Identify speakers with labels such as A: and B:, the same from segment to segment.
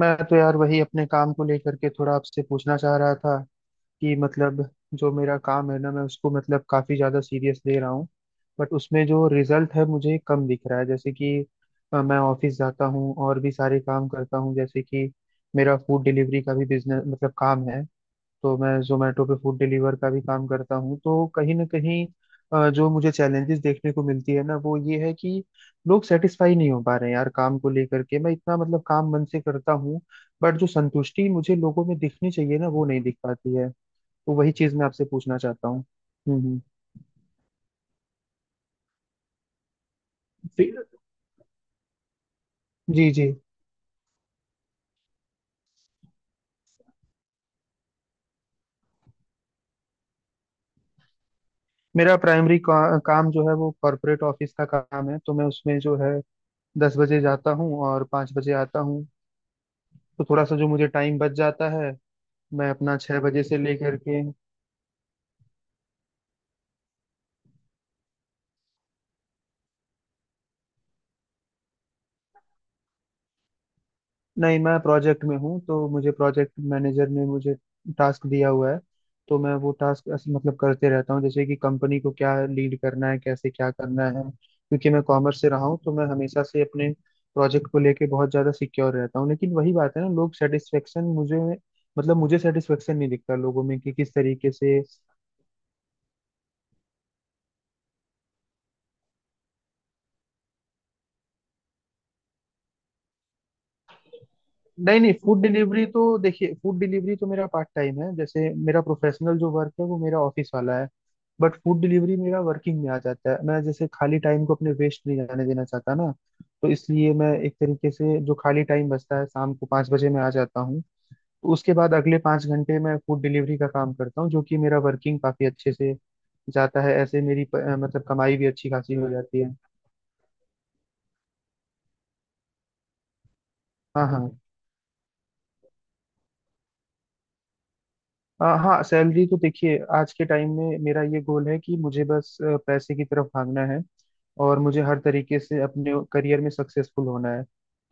A: मैं तो यार वही अपने काम को लेकर के थोड़ा आपसे पूछना चाह रहा था कि जो मेरा काम है ना मैं उसको काफी ज्यादा सीरियस ले रहा हूँ। बट उसमें जो रिजल्ट है मुझे कम दिख रहा है। जैसे कि मैं ऑफिस जाता हूँ और भी सारे काम करता हूँ। जैसे कि मेरा फूड डिलीवरी का भी बिजनेस काम है। तो मैं जोमेटो पे फूड डिलीवर का भी काम करता हूँ। तो कहीं ना कहीं जो मुझे चैलेंजेस देखने को मिलती है ना वो ये है कि लोग सेटिस्फाई नहीं हो पा रहे हैं यार। काम को लेकर के मैं इतना काम मन से करता हूँ, बट जो संतुष्टि मुझे लोगों में दिखनी चाहिए ना वो नहीं दिख पाती है। तो वही चीज मैं आपसे पूछना चाहता हूँ। हम्म हम्म। फिर जी जी। काम जो है वो कॉरपोरेट ऑफिस का काम है। तो मैं उसमें जो है 10 बजे जाता हूँ और 5 बजे आता हूँ। तो थोड़ा सा जो मुझे टाइम बच जाता है मैं अपना 6 बजे से लेकर के। नहीं, मैं प्रोजेक्ट में हूँ। तो मुझे प्रोजेक्ट मैनेजर ने मुझे टास्क दिया हुआ है। तो मैं वो टास्क करते रहता हूँ। जैसे कि कंपनी को क्या लीड करना है, कैसे क्या करना है, क्योंकि मैं कॉमर्स से रहा हूँ। तो मैं हमेशा से अपने प्रोजेक्ट को लेके बहुत ज़्यादा सिक्योर रहता हूँ। लेकिन वही बात है ना, लोग सेटिस्फेक्शन मुझे सेटिस्फेक्शन नहीं दिखता लोगों में कि किस तरीके से। नहीं नहीं, फूड डिलीवरी तो देखिए, फूड डिलीवरी तो मेरा पार्ट टाइम है। जैसे मेरा प्रोफेशनल जो वर्क है वो मेरा ऑफिस वाला है। बट फूड डिलीवरी मेरा वर्किंग में आ जाता है। मैं जैसे खाली टाइम को अपने वेस्ट नहीं जाने देना चाहता ना। तो इसलिए मैं एक तरीके से, जो खाली टाइम बचता है, शाम को 5 बजे मैं आ जाता हूँ। तो उसके बाद अगले 5 घंटे मैं फूड डिलीवरी का काम करता हूँ, जो कि मेरा वर्किंग काफी अच्छे से जाता है। ऐसे मेरी प- अ, मतलब कमाई भी अच्छी खासी हो जाती है। हाँ हाँ। हाँ, सैलरी तो देखिए, आज के टाइम में मेरा ये गोल है कि मुझे बस पैसे की तरफ भागना है। और मुझे हर तरीके से अपने करियर में सक्सेसफुल होना है।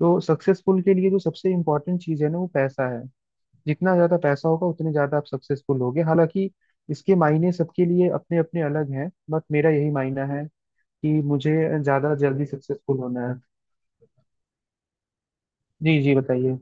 A: तो सक्सेसफुल के लिए जो सबसे इम्पोर्टेंट चीज़ है ना वो पैसा है। जितना ज़्यादा पैसा होगा उतने ज़्यादा आप सक्सेसफुल होगे। हालांकि इसके मायने सबके लिए अपने अपने अलग हैं, बट मेरा यही मायना है कि मुझे ज़्यादा जल्दी सक्सेसफुल होना है। जी जी, बताइए।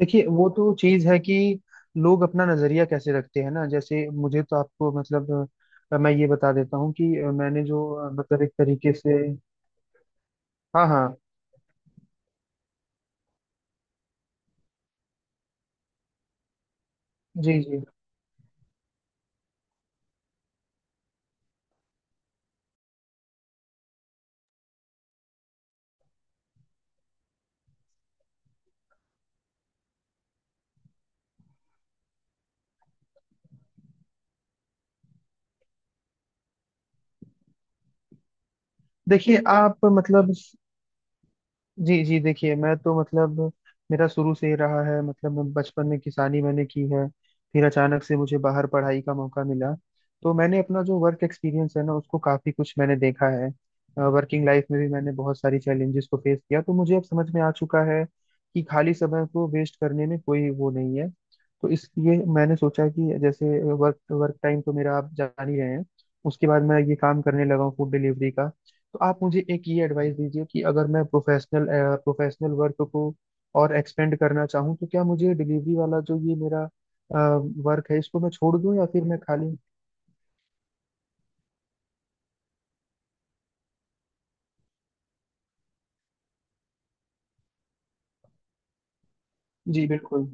A: देखिए वो तो चीज है कि लोग अपना नजरिया कैसे रखते हैं ना। जैसे मुझे तो आपको मैं ये बता देता हूँ कि मैंने जो एक तरीके से। हाँ हाँ। जी जी, देखिए आप जी जी, देखिए मैं तो मेरा शुरू से ही रहा है। मैं बचपन में किसानी मैंने की है। फिर अचानक से मुझे बाहर पढ़ाई का मौका मिला। तो मैंने अपना जो वर्क एक्सपीरियंस है ना उसको काफ़ी कुछ मैंने देखा है। वर्किंग लाइफ में भी मैंने बहुत सारी चैलेंजेस को फेस किया। तो मुझे अब समझ में आ चुका है कि खाली समय को वेस्ट करने में कोई वो नहीं है। तो इसलिए मैंने सोचा कि जैसे वर्क वर्क टाइम तो मेरा आप जान ही रहे हैं। उसके बाद मैं ये काम करने लगा हूँ फूड डिलीवरी का। तो आप मुझे एक ये एडवाइस दीजिए कि अगर मैं प्रोफेशनल प्रोफेशनल वर्क को और एक्सपेंड करना चाहूँ, तो क्या मुझे डिलीवरी वाला जो ये मेरा वर्क है इसको मैं छोड़ दूँ या फिर मैं खाली। जी बिल्कुल।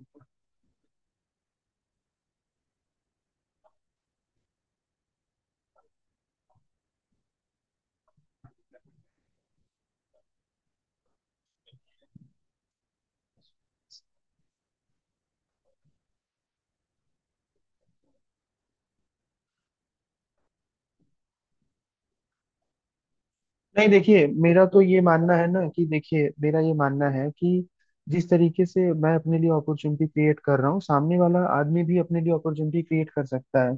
A: नहीं देखिए, मेरा तो ये मानना है ना कि देखिए मेरा ये मानना है कि जिस तरीके से मैं अपने लिए अपॉर्चुनिटी क्रिएट कर रहा हूँ, सामने वाला आदमी भी अपने लिए अपॉर्चुनिटी क्रिएट कर सकता है।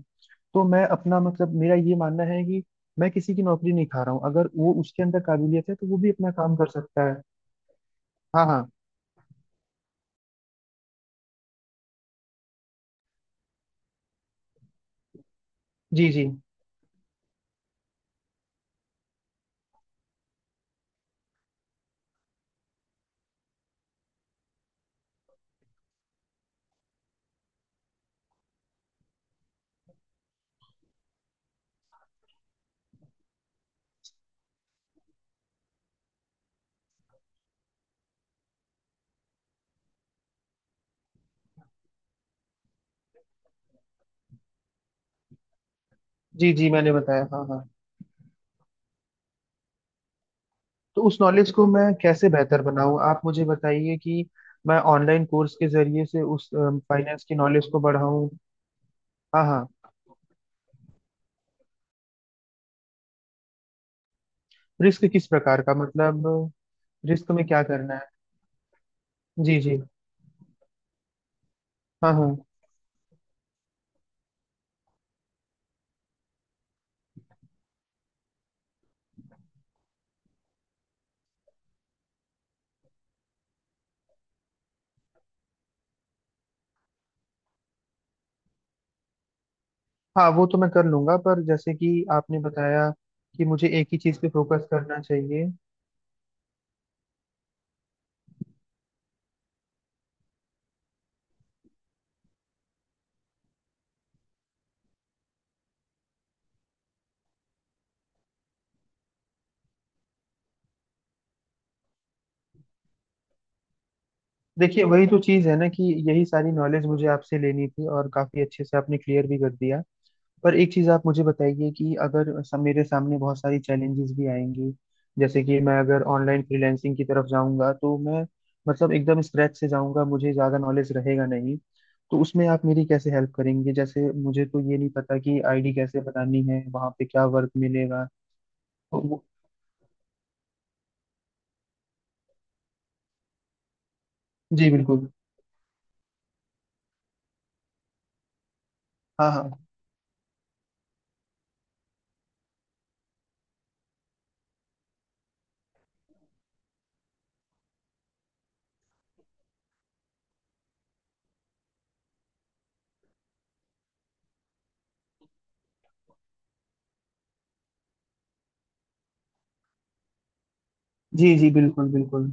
A: तो मैं अपना मतलब मेरा ये मानना है कि मैं किसी की नौकरी नहीं खा रहा हूँ। अगर वो उसके अंदर काबिलियत है तो वो भी अपना काम कर सकता है। हाँ हाँ। जी जी। जी जी, मैंने बताया। हाँ हाँ, तो उस नॉलेज को मैं कैसे बेहतर बनाऊँ, आप मुझे बताइए कि मैं ऑनलाइन कोर्स के जरिए से उस फाइनेंस की नॉलेज को बढ़ाऊँ। हाँ हाँ। रिस्क किस प्रकार का, मतलब रिस्क में क्या करना है। जी जी। हाँ हाँ। हाँ वो तो मैं कर लूंगा, पर जैसे कि आपने बताया कि मुझे एक ही चीज़ पे फोकस करना चाहिए। देखिए वही तो चीज़ है ना कि यही सारी नॉलेज मुझे आपसे लेनी थी और काफ़ी अच्छे से आपने क्लियर भी कर दिया। पर एक चीज आप मुझे बताइए कि अगर सब मेरे सामने बहुत सारी चैलेंजेस भी आएंगी। जैसे कि मैं अगर ऑनलाइन फ्रीलैंसिंग की तरफ जाऊंगा तो मैं एकदम स्क्रैच से जाऊंगा, मुझे ज्यादा नॉलेज रहेगा नहीं। तो उसमें आप मेरी कैसे हेल्प करेंगे? जैसे मुझे तो ये नहीं पता कि आईडी कैसे बनानी है, वहां पे क्या वर्क मिलेगा। तो वो- जी बिल्कुल। हाँ हाँ। जी जी बिल्कुल बिल्कुल।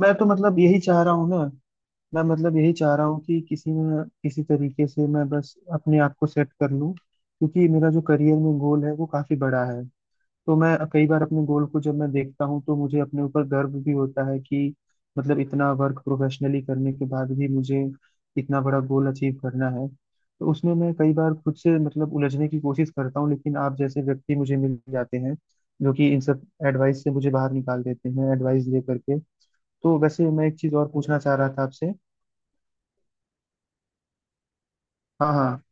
A: मैं तो यही चाह रहा हूँ ना। मैं मतलब यही चाह रहा हूँ कि किसी न किसी तरीके से मैं बस अपने आप को सेट कर लूँ, क्योंकि मेरा जो करियर में गोल है वो काफ़ी बड़ा है। तो मैं कई बार अपने गोल को जब मैं देखता हूँ तो मुझे अपने ऊपर गर्व भी होता है कि इतना वर्क प्रोफेशनली करने के बाद भी मुझे इतना बड़ा गोल अचीव करना है। तो उसमें मैं कई बार खुद से उलझने की कोशिश करता हूँ। लेकिन आप जैसे व्यक्ति मुझे मिल जाते हैं जो कि इन सब एडवाइस से मुझे बाहर निकाल देते हैं, एडवाइस दे करके। तो वैसे मैं एक चीज़ और पूछना चाह रहा था आपसे। हाँ हाँ।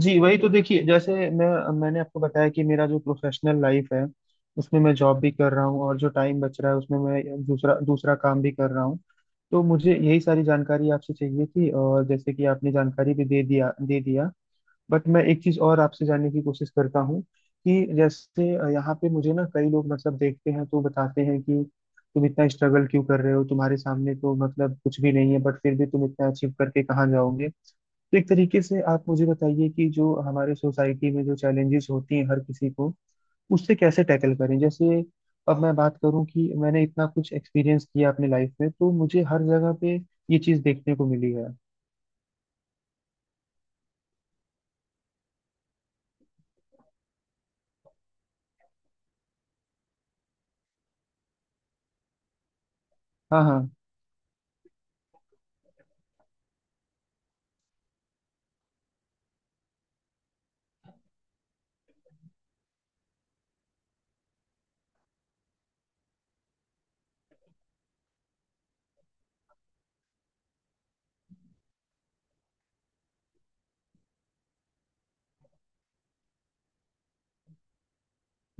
A: जी वही तो देखिए, जैसे मैं मैंने आपको बताया कि मेरा जो प्रोफेशनल लाइफ है उसमें मैं जॉब भी कर रहा हूँ और जो टाइम बच रहा है उसमें मैं दूसरा दूसरा काम भी कर रहा हूँ। तो मुझे यही सारी जानकारी आपसे चाहिए थी और जैसे कि आपने जानकारी भी दे दिया। बट मैं एक चीज़ और आपसे जानने की कोशिश करता हूँ कि जैसे यहाँ पे मुझे ना कई लोग देखते हैं तो बताते हैं कि तुम इतना स्ट्रगल क्यों कर रहे हो, तुम्हारे सामने तो कुछ भी नहीं है, बट फिर भी तुम इतना अचीव करके कहाँ जाओगे। तो एक तरीके से आप मुझे बताइए कि जो हमारे सोसाइटी में जो चैलेंजेस होती हैं हर किसी को, उससे कैसे टैकल करें। जैसे अब मैं बात करूं कि मैंने इतना कुछ एक्सपीरियंस किया अपनी लाइफ में, तो मुझे हर जगह पे ये चीज़ देखने को मिली है। हाँ हाँ।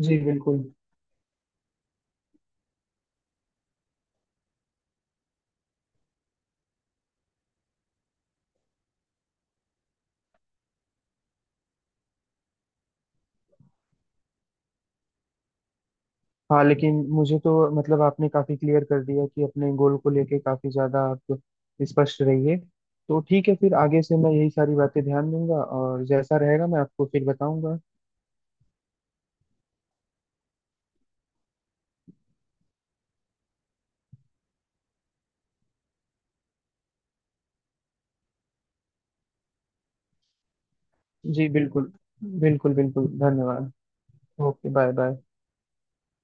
A: जी बिल्कुल। हाँ लेकिन मुझे तो आपने काफ़ी क्लियर कर दिया कि अपने गोल को लेके काफ़ी ज़्यादा आप स्पष्ट रहिए। तो ठीक है, फिर आगे से मैं यही सारी बातें ध्यान दूंगा और जैसा रहेगा मैं आपको फिर बताऊंगा। जी बिल्कुल। बिल्कुल बिल्कुल, धन्यवाद। Okay, bye bye.